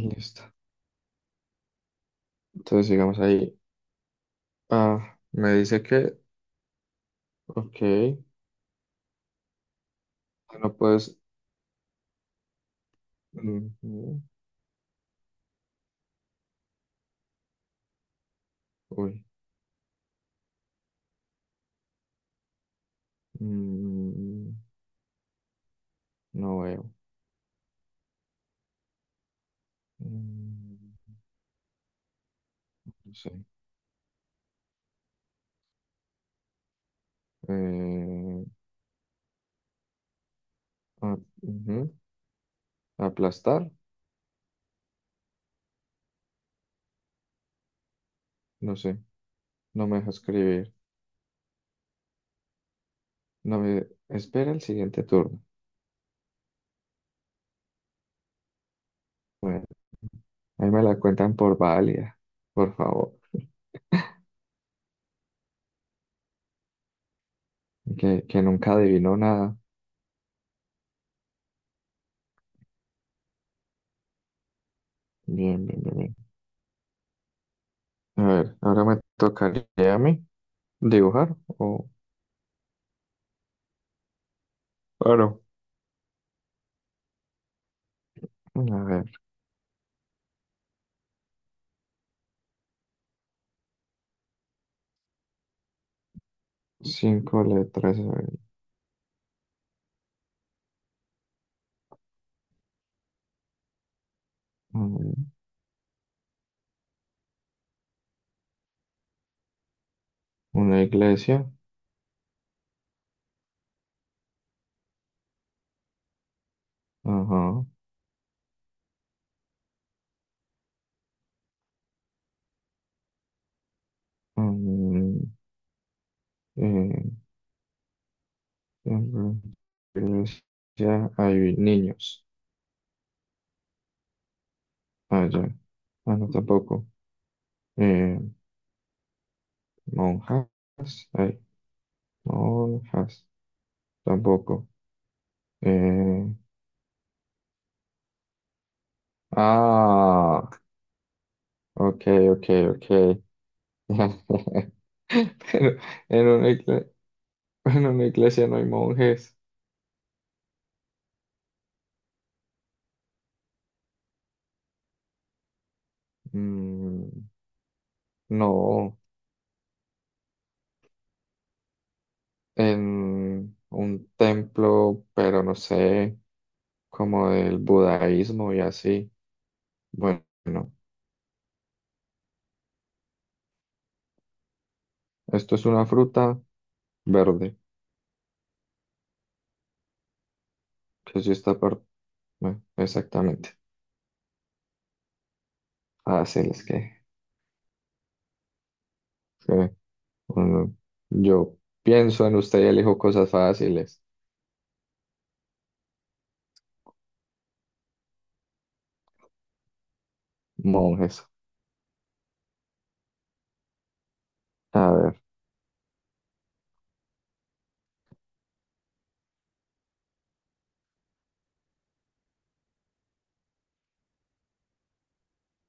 Listo. Entonces sigamos ahí. Ah, me dice que, ok, ah, no puedes. Ujú. Uy, mm, no veo. Mm, no sé. Eh, ujú. Aplastar, no sé. No me deja escribir. No me espera el siguiente turno. Bueno, ahí me la cuentan por válida, por favor. Que nunca adivinó nada. Bien, bien, bien, bien. A ver, ahora me tocaría a mí dibujar o. Claro. A ver. 5 letras, a ver. Mm, Una iglesia. Ajá. Mm, eh, en la iglesia hay niños. Ah, ya. Ah, no, tampoco. Eh, monjas. Hay monjas. Tampoco. Eh, ah, ok, ok, ok. Pero en una igle- en una iglesia no hay monjes. Mm, no. En un templo, pero no sé, como del budaísmo y así. Bueno, esto es una fruta verde, que sí está por... bueno, exactamente. Fáciles que uno- yo pienso en usted y elijo cosas fáciles, monjes. A ver.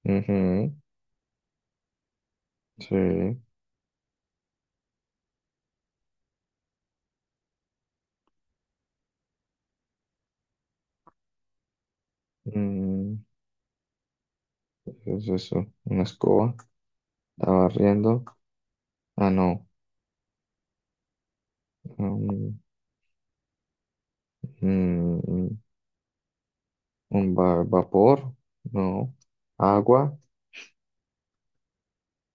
Ujú. Sí. mm, ¿qué es eso? Una escoba. Estaba barriendo. Ah, no. mm, mm, mm. Un vapor, no. Agua,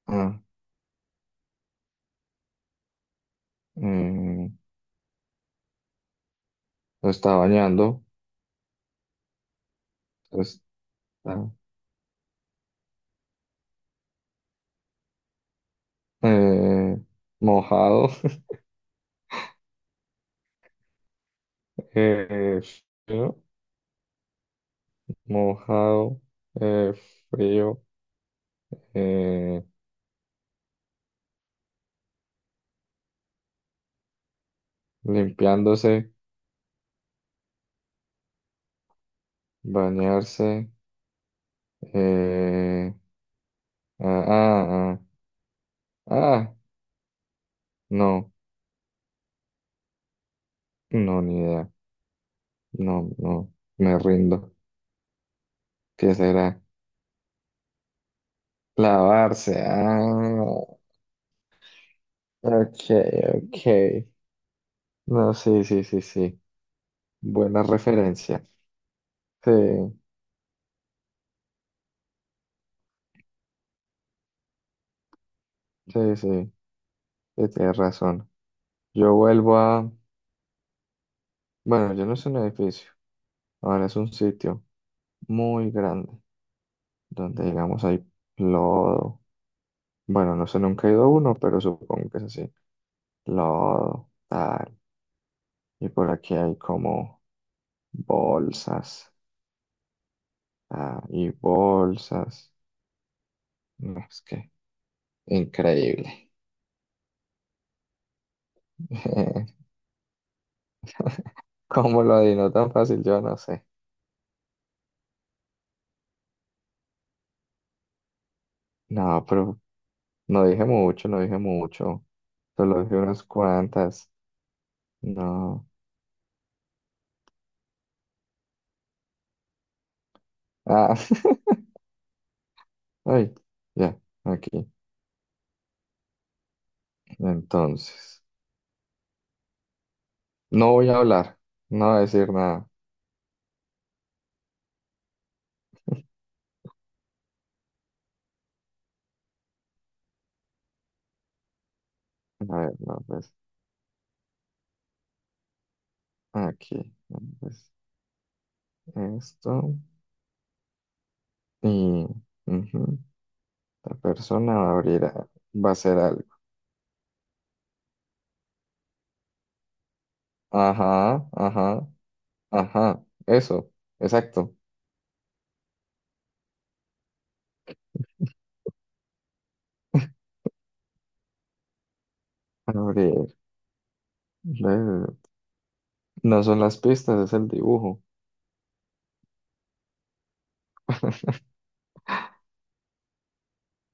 ah, mm, lo está bañando, está eh, mojado. eh, Frío, mojado, eh, frío, eh, limpiándose, bañarse, eh, ah, ah, ah, ah, no, no, ni idea, no, no, me rindo. ¿Qué será? Lavarse, ah, ok, ok. No, sí, sí, sí, sí. Buena referencia. Sí, sí, sí. Sí, tienes razón. Yo vuelvo a... Bueno, yo no es un edificio. Ahora es un sitio muy grande donde, digamos, hay lodo. Bueno, no sé, nunca he ido a uno, pero supongo que es así. Lodo, tal. Y por aquí hay como bolsas. Ah, y bolsas. No, es que increíble. ¿Cómo lo adivino tan fácil? Yo no sé. No, pero no dije mucho, no dije mucho. Solo dije unas cuantas. No. Ah, ay, ya, aquí. Entonces, no voy a hablar, no voy a decir nada. A ver, no, pues, aquí. Pues, esto. Y ujú, la persona va a va a hacer algo. Ajá, ajá, ajá. Eso, exacto. Abrir. Eh, No son las pistas, es el dibujo.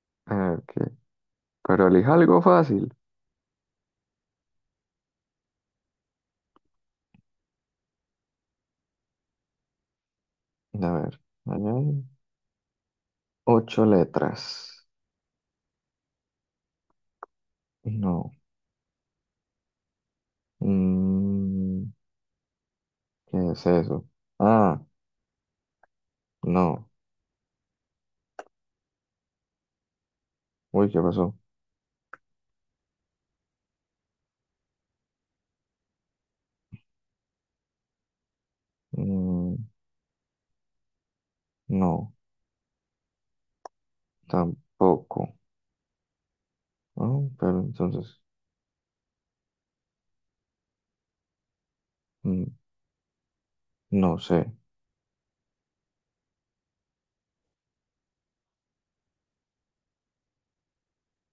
Ok, pero elija algo fácil. A ver, ahí hay 8 letras. No. Mm, ¿Qué es eso? Ah, no. Uy, ¿qué pasó? Mm, no, tampoco. Ah, pero entonces, mm, no sé.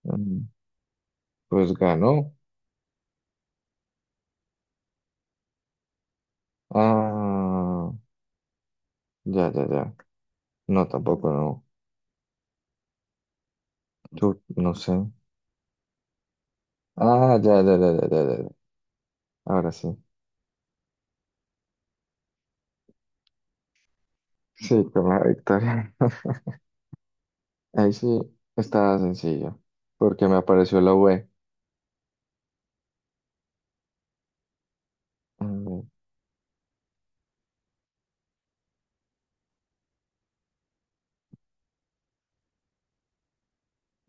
Mm, pues ganó. Ah, ya, ya, ya. No, tampoco, no. Tú, no sé. Ah, ya, ya, ya, ya, ya, ya, ya. Ahora sí. Sí, con la victoria. Ahí sí estaba sencillo, porque me apareció la V.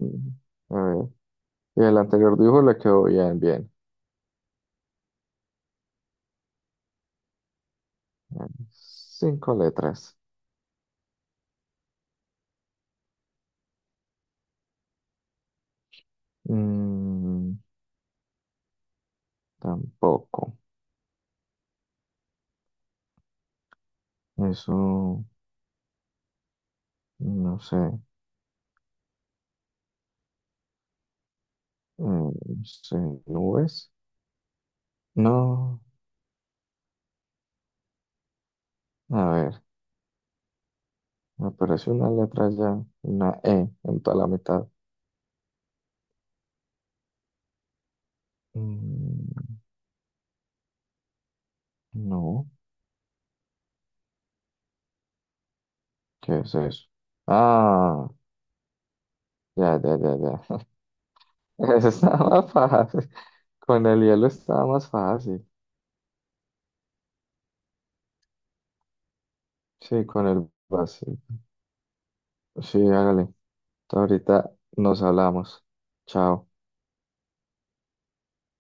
Ujú. A ver. Y el anterior dibujo le quedó bien, bien. 5 letras. Mm, tampoco. Eso, no sé. Mm, sí, nubes. No. A ver, me apareció una letra ya, una E en toda la mitad. Mm, no. ¿Qué es eso? Ah, ya, ya, ya, ya. Eso estaba más fácil. Con el hielo estaba más fácil. Sí, con el vacío. Sí, hágale. Ahorita nos hablamos. Chao.